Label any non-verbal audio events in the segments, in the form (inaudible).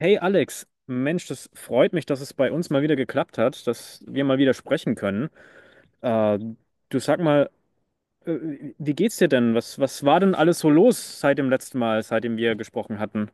Hey Alex, Mensch, das freut mich, dass es bei uns mal wieder geklappt hat, dass wir mal wieder sprechen können. Äh, Du sag mal, wie geht's dir denn? Was war denn alles so los seit dem letzten Mal, seitdem wir gesprochen hatten?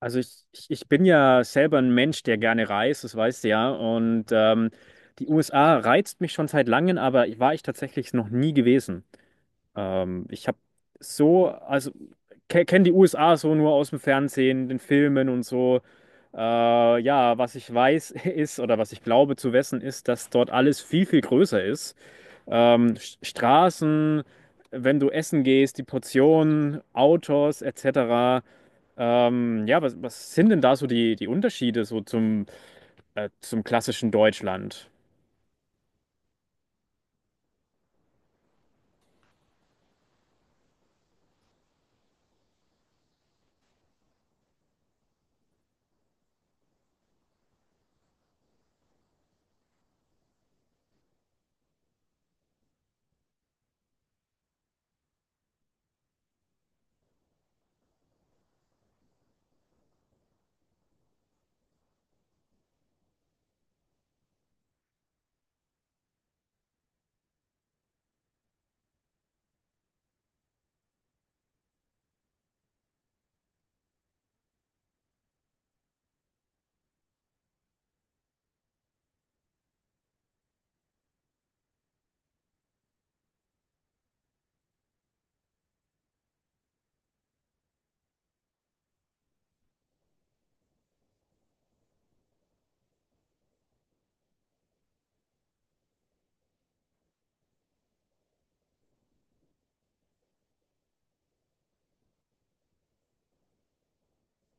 Also ich bin ja selber ein Mensch, der gerne reist, das weißt du ja. Und die USA reizt mich schon seit langem, aber war ich tatsächlich noch nie gewesen. Ich habe so, also kenne die USA so nur aus dem Fernsehen, den Filmen und so. Ja, was ich weiß (laughs) ist oder was ich glaube zu wissen ist, dass dort alles viel größer ist. Straßen, wenn du essen gehst, die Portionen, Autos etc. Ja, was sind denn da so die Unterschiede so zum klassischen Deutschland?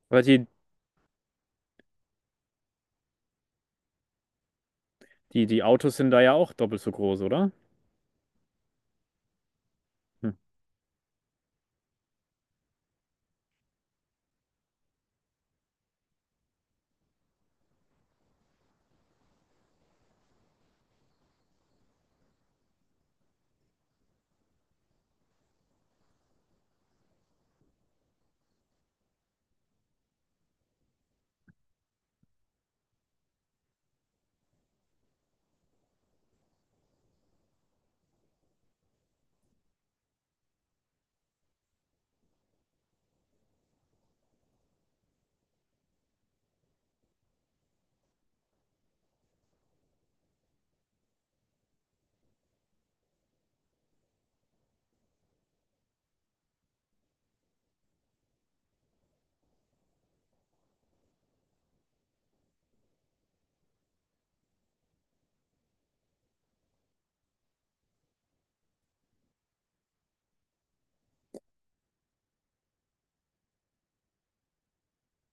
Weil die Autos sind da ja auch doppelt so groß, oder? Hm.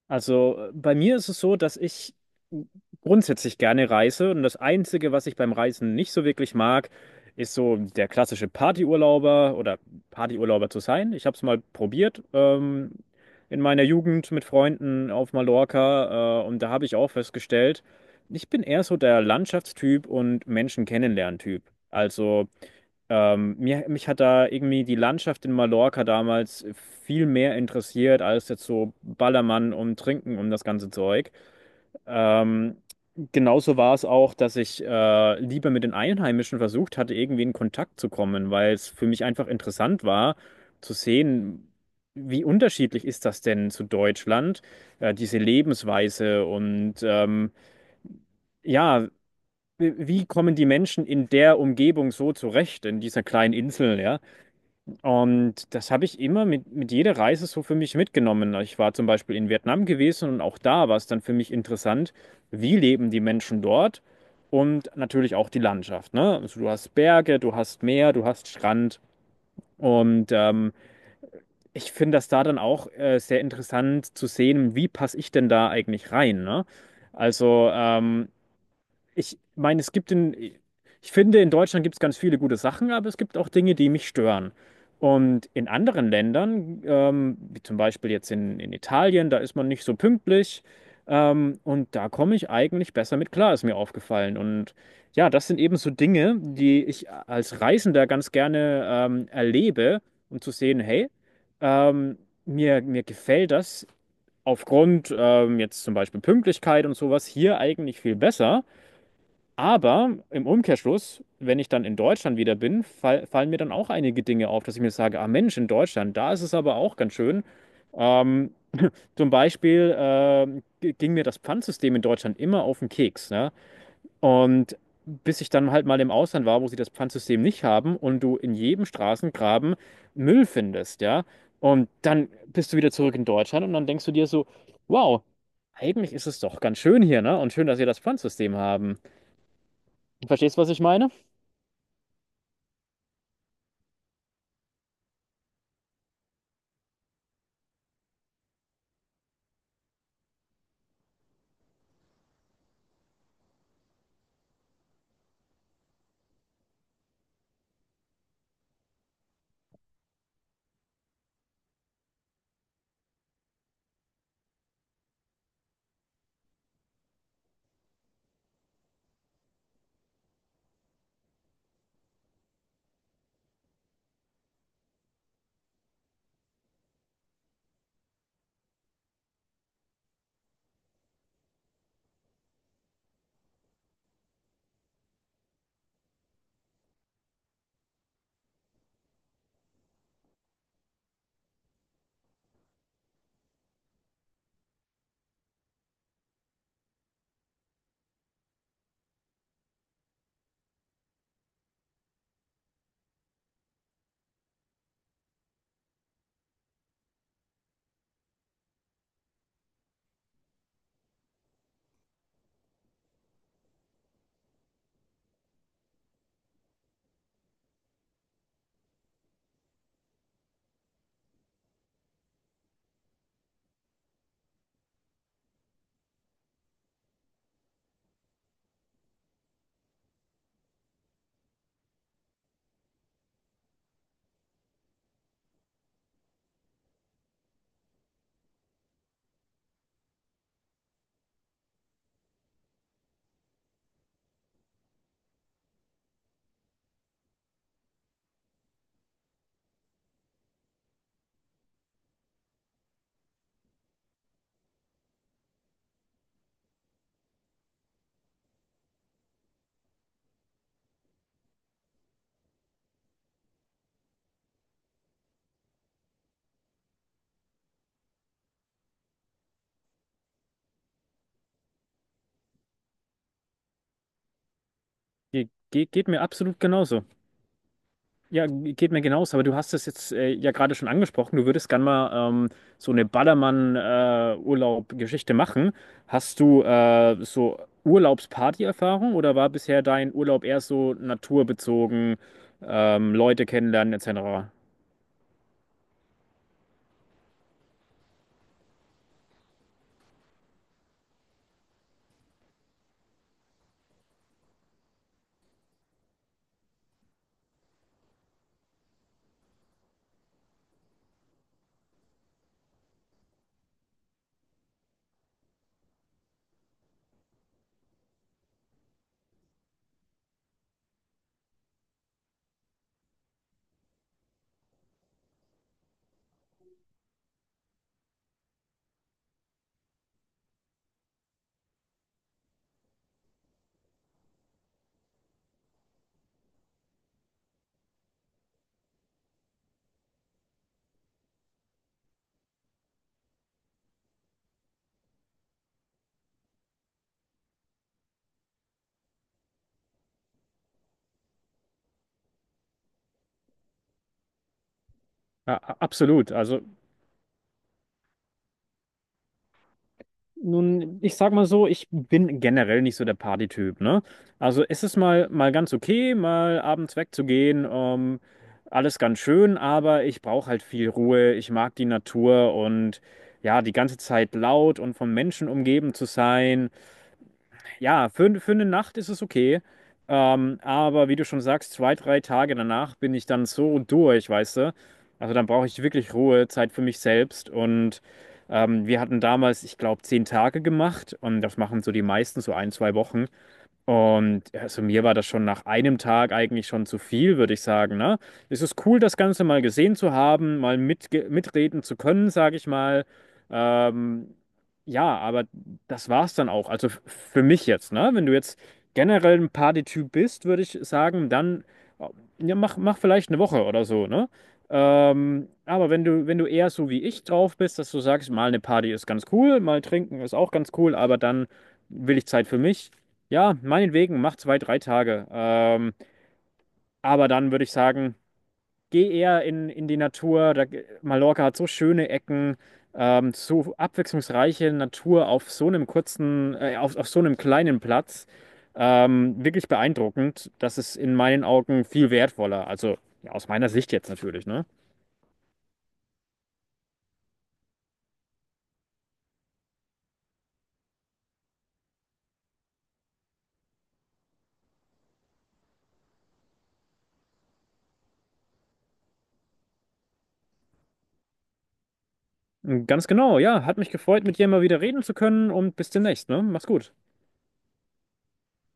Also bei mir ist es so, dass ich grundsätzlich gerne reise und das Einzige, was ich beim Reisen nicht so wirklich mag, ist so der klassische Partyurlauber oder Partyurlauber zu sein. Ich habe es mal probiert, in meiner Jugend mit Freunden auf Mallorca, und da habe ich auch festgestellt, ich bin eher so der Landschaftstyp und Menschen kennenlernen-Typ. Also mich hat da irgendwie die Landschaft in Mallorca damals viel mehr interessiert als jetzt so Ballermann und Trinken und das ganze Zeug. Ähm, Genauso war es auch, dass ich lieber mit den Einheimischen versucht hatte, irgendwie in Kontakt zu kommen, weil es für mich einfach interessant war, zu sehen, wie unterschiedlich ist das denn zu Deutschland, diese Lebensweise, und ja, wie kommen die Menschen in der Umgebung so zurecht, in dieser kleinen Insel, ja? Und das habe ich immer mit jeder Reise so für mich mitgenommen. Ich war zum Beispiel in Vietnam gewesen und auch da war es dann für mich interessant, wie leben die Menschen dort, und natürlich auch die Landschaft, ne? Also du hast Berge, du hast Meer, du hast Strand, und ich finde das da dann auch sehr interessant zu sehen, wie passe ich denn da eigentlich rein, ne? Also ich meine, ich finde, in Deutschland gibt es ganz viele gute Sachen, aber es gibt auch Dinge, die mich stören. Und in anderen Ländern, wie zum Beispiel jetzt in Italien, da ist man nicht so pünktlich. Und da komme ich eigentlich besser mit klar, ist mir aufgefallen. Und ja, das sind eben so Dinge, die ich als Reisender ganz gerne erlebe, um zu sehen, hey, ähm, mir gefällt das aufgrund jetzt zum Beispiel Pünktlichkeit und sowas hier eigentlich viel besser. Aber im Umkehrschluss, wenn ich dann in Deutschland wieder bin, fallen mir dann auch einige Dinge auf, dass ich mir sage, ah Mensch, in Deutschland, da ist es aber auch ganz schön. Ähm, Zum Beispiel ging mir das Pfandsystem in Deutschland immer auf den Keks, ne? Und bis ich dann halt mal im Ausland war, wo sie das Pfandsystem nicht haben und du in jedem Straßengraben Müll findest, ja? Und dann bist du wieder zurück in Deutschland und dann denkst du dir so, wow, eigentlich ist es doch ganz schön hier, ne? Und schön, dass wir das Pfandsystem haben. Verstehst du, was ich meine? Ge ge Geht mir absolut genauso. Ja, geht mir genauso. Aber du hast es jetzt, ja, gerade schon angesprochen. Du würdest gern mal so eine Ballermann-Urlaub-Geschichte machen. Hast du so Urlaubsparty-Erfahrung oder war bisher dein Urlaub eher so naturbezogen, Leute kennenlernen etc.? Ja, absolut. Nun, ich sag mal so, ich bin generell nicht so der Partytyp, ne? Also es ist mal ganz okay, mal abends wegzugehen, alles ganz schön, aber ich brauche halt viel Ruhe, ich mag die Natur, und ja, die ganze Zeit laut und von Menschen umgeben zu sein. Ja, für eine Nacht ist es okay. Aber wie du schon sagst, zwei, drei Tage danach bin ich dann so durch, weißt du? Also dann brauche ich wirklich Ruhe, Zeit für mich selbst. Und wir hatten damals, ich glaube, zehn Tage gemacht. Und das machen so die meisten, so ein, zwei Wochen. Und ja, also mir war das schon nach einem Tag eigentlich schon zu viel, würde ich sagen, ne? Es ist cool, das Ganze mal gesehen zu haben, mal mitreden zu können, sage ich mal. Ähm, ja, aber das war's dann auch. Also für mich jetzt, ne? Wenn du jetzt generell ein Partytyp bist, würde ich sagen, dann äh, ja, mach vielleicht eine Woche oder so, ne? Aber wenn du, wenn du eher so wie ich drauf bist, dass du sagst, mal eine Party ist ganz cool, mal trinken ist auch ganz cool, aber dann will ich Zeit für mich, ja, meinetwegen, mach zwei, drei Tage. Aber dann würde ich sagen, geh eher in die Natur. Da, Mallorca hat so schöne Ecken, so abwechslungsreiche Natur auf so einem kurzen, auf so einem kleinen Platz. Wirklich beeindruckend. Das ist in meinen Augen viel wertvoller. Also ja, aus meiner Sicht jetzt natürlich, ne? Ganz genau, ja. Hat mich gefreut, mit dir mal wieder reden zu können, und bis demnächst, ne? Mach's gut.